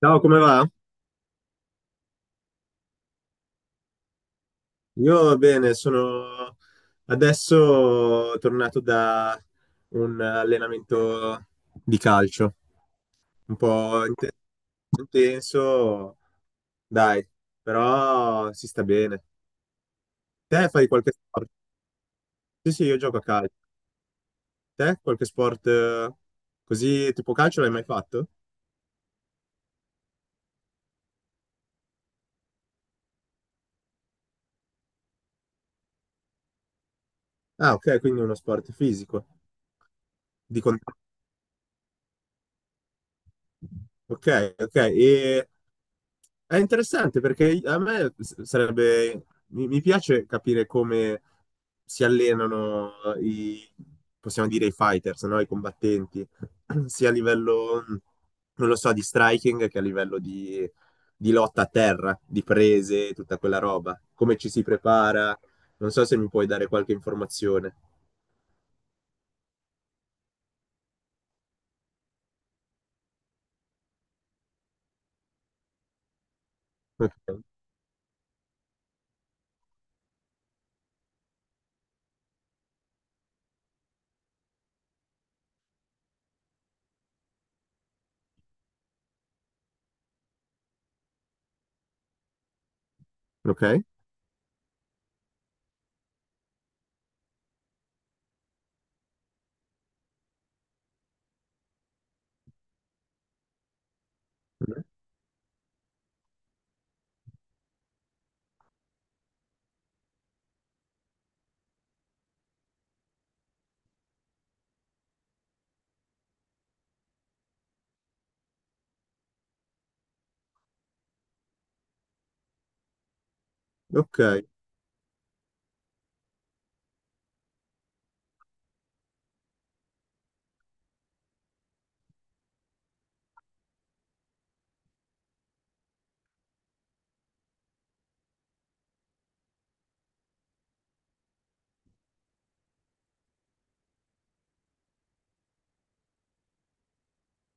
Ciao, come va? Io bene, sono adesso tornato da un allenamento di calcio, un po' intenso, dai, però si sta bene. Te fai qualche sport? Sì, sì, io gioco a calcio. Te qualche sport così tipo calcio l'hai mai fatto? Ah, ok, quindi uno sport fisico, di contatto. Ok, ok. È interessante perché a me sarebbe, mi piace capire come si allenano i, possiamo dire, i fighters, no? I combattenti, sia a livello, non lo so, di striking che a livello di lotta a terra, di prese, tutta quella roba. Come ci si prepara? Non so se mi puoi dare qualche informazione. Ok, ok, ok,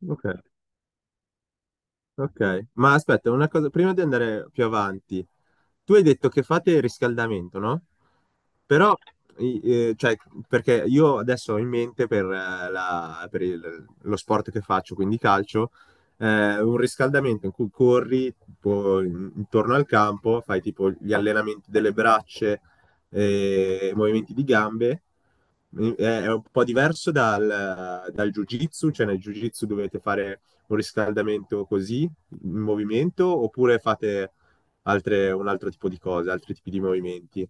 ok. Ok, ma aspetta, una cosa, prima di andare più avanti, tu hai detto che fate il riscaldamento, no? Però, cioè, perché io adesso ho in mente per, per lo sport che faccio, quindi calcio, un riscaldamento in cui corri tipo, intorno al campo, fai tipo gli allenamenti delle braccia, e movimenti di gambe. È un po' diverso dal, dal jiu-jitsu, cioè nel jiu-jitsu dovete fare un riscaldamento così, in movimento oppure fate un altro tipo di cose, altri tipi di movimenti?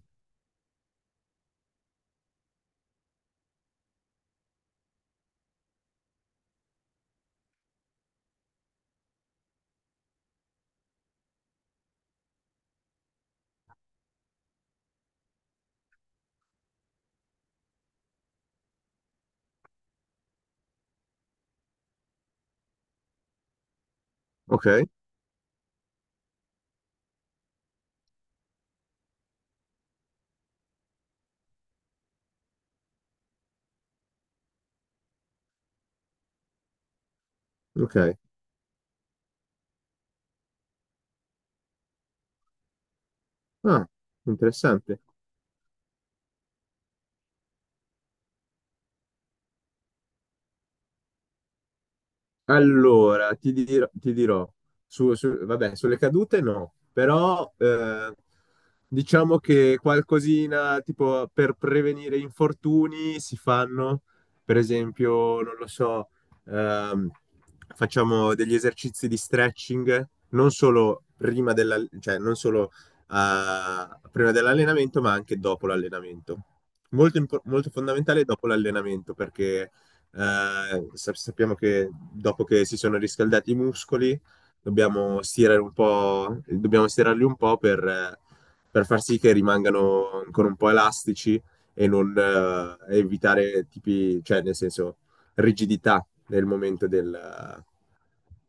Ok, ok. Ah, interessante. Allora, ti dirò, vabbè, sulle cadute no, però diciamo che qualcosina tipo per prevenire infortuni si fanno, per esempio, non lo so, ehm, facciamo degli esercizi di stretching, non solo prima della, cioè, non solo prima dell'allenamento, ma anche dopo l'allenamento. Molto fondamentale dopo l'allenamento, perché sappiamo che dopo che si sono riscaldati i muscoli, dobbiamo stirare un po', dobbiamo stirarli un po' per far sì che rimangano ancora un po' elastici e non evitare tipi, cioè nel senso rigidità nel momento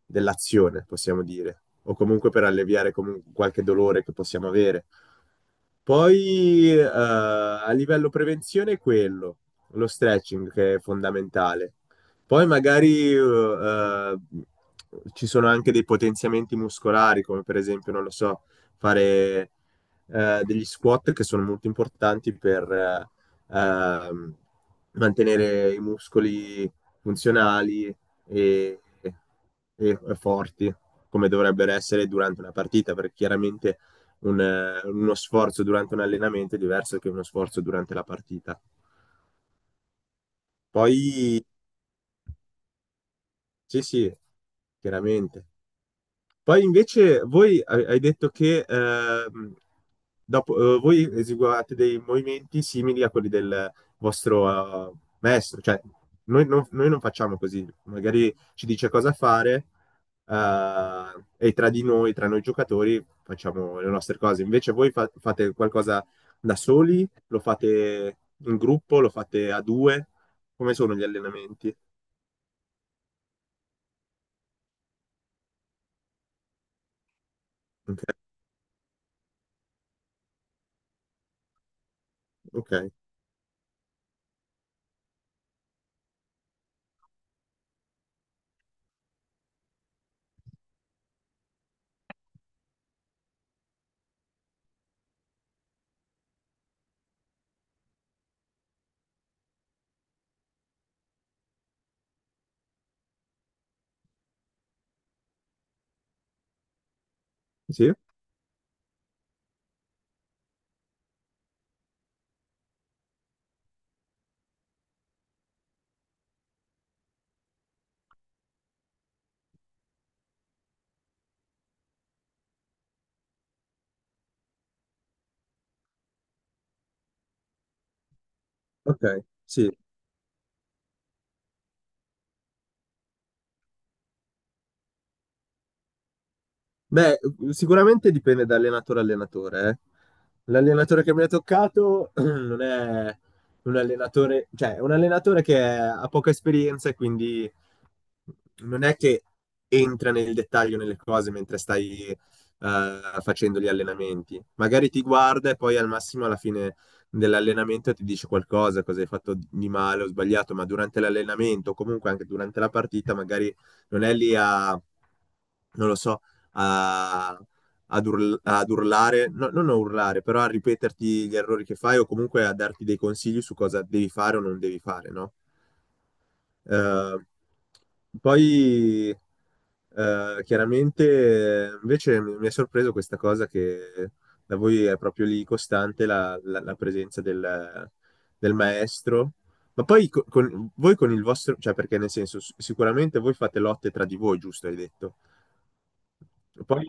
dell'azione, possiamo dire, o comunque per alleviare qualche dolore che possiamo avere. Poi a livello prevenzione è quello lo stretching che è fondamentale. Poi magari eh, ci sono anche dei potenziamenti muscolari, come per esempio, non lo so, fare degli squat che sono molto importanti per ehm, mantenere i muscoli funzionali e, e forti, come dovrebbero essere durante una partita, perché chiaramente uno sforzo durante un allenamento è diverso che uno sforzo durante la partita. Poi, sì, sì, chiaramente. Poi invece voi hai detto che dopo, voi eseguivate dei movimenti simili a quelli del vostro maestro, cioè noi non facciamo così, magari ci dice cosa fare e tra di noi, tra noi giocatori, facciamo le nostre cose. Invece voi fate qualcosa da soli, lo fate in gruppo, lo fate a due, come sono gli allenamenti? Ok, ok. Sì? Ok, sì. Beh, sicuramente dipende da allenatore a allenatore. Eh. L'allenatore che mi ha toccato non è un allenatore, cioè è un allenatore che ha poca esperienza e quindi non è che entra nel dettaglio nelle cose mentre stai facendo gli allenamenti. Magari ti guarda e poi al massimo alla fine dell'allenamento ti dice qualcosa, cosa hai fatto di male o sbagliato, ma durante l'allenamento o comunque anche durante la partita magari non è lì a, non lo so, a... Ad, ad urlare, no, non a urlare, però a ripeterti gli errori che fai o comunque a darti dei consigli su cosa devi fare o non devi fare, no? Eh, poi chiaramente invece mi è sorpreso questa cosa che da voi è proprio lì costante la presenza del, del maestro. Ma poi con, voi con il vostro, cioè perché nel senso, sicuramente voi fate lotte tra di voi, giusto, hai detto. Poi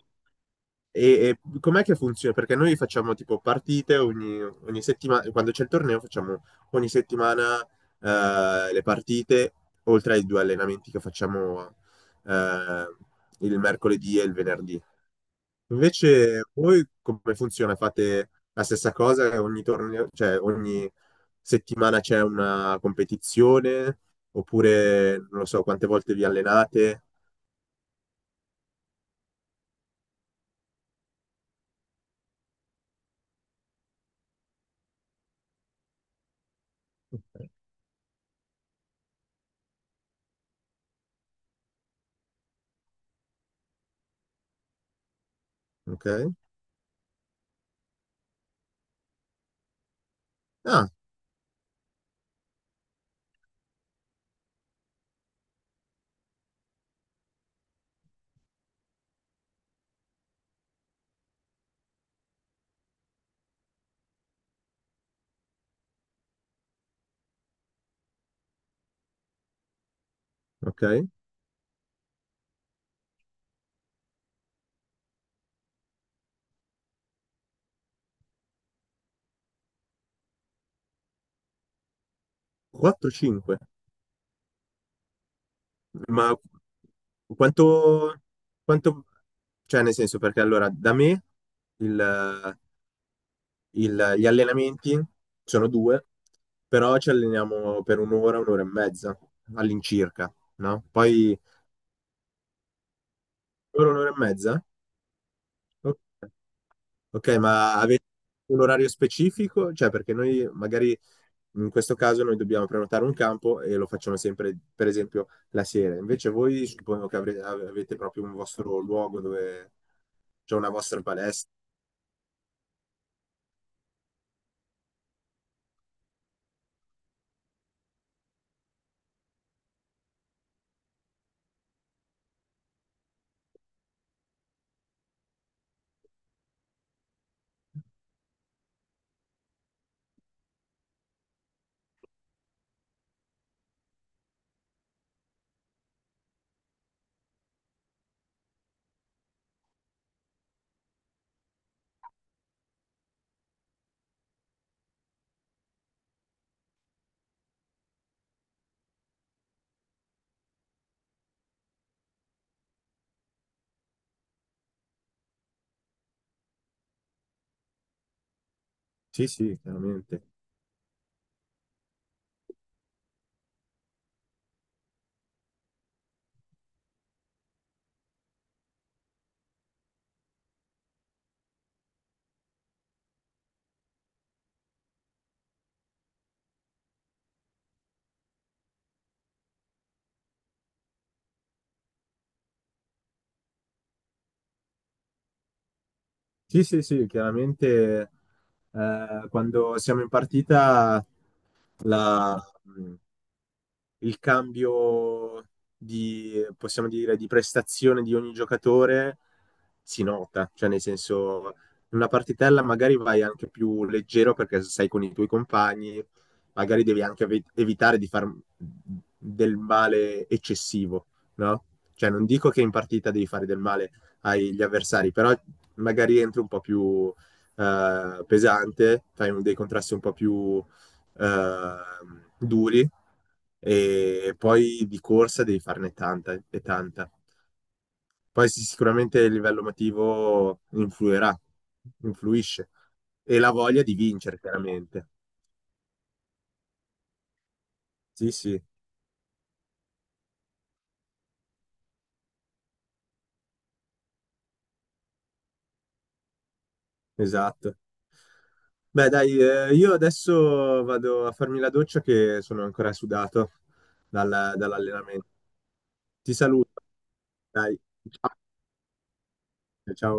e com'è che funziona? Perché noi facciamo tipo partite ogni, ogni settimana, quando c'è il torneo facciamo ogni settimana le partite, oltre ai due allenamenti che facciamo eh, il mercoledì e il venerdì. Invece voi come funziona? Fate la stessa cosa? Ogni torneo, cioè ogni settimana c'è una competizione? Oppure non lo so quante volte vi allenate? Ok? Ah, ok. 4-5. Ma quanto, quanto, cioè nel senso, perché allora da me il- gli allenamenti sono due, però ci alleniamo per un'ora, un'ora e mezza all'incirca, no? Poi un'ora, un'ora e mezza? Ok. Ok, ma avete un orario specifico? Cioè, perché noi magari in questo caso noi dobbiamo prenotare un campo e lo facciamo sempre, per esempio, la sera. Invece voi suppongo che avete proprio un vostro luogo dove c'è una vostra palestra. Sì, sì, chiaramente. Sì, sì, sì, chiaramente quando siamo in partita la, mm, il cambio di, possiamo dire, di prestazione di ogni giocatore si nota, cioè nel senso in una partitella magari vai anche più leggero perché sei con i tuoi compagni, magari devi anche evitare di far del male eccessivo, no? Cioè non dico che in partita devi fare del male agli avversari, però magari entri un po' più pesante, fai dei contrasti un po' più duri e poi di corsa devi farne tanta e tanta. Poi sì, sicuramente il livello emotivo influirà, influisce e la voglia di vincere, chiaramente. Sì, sì, esatto. Beh, dai, io adesso vado a farmi la doccia che sono ancora sudato dall'allenamento. Ti saluto. Dai, ciao. Ciao.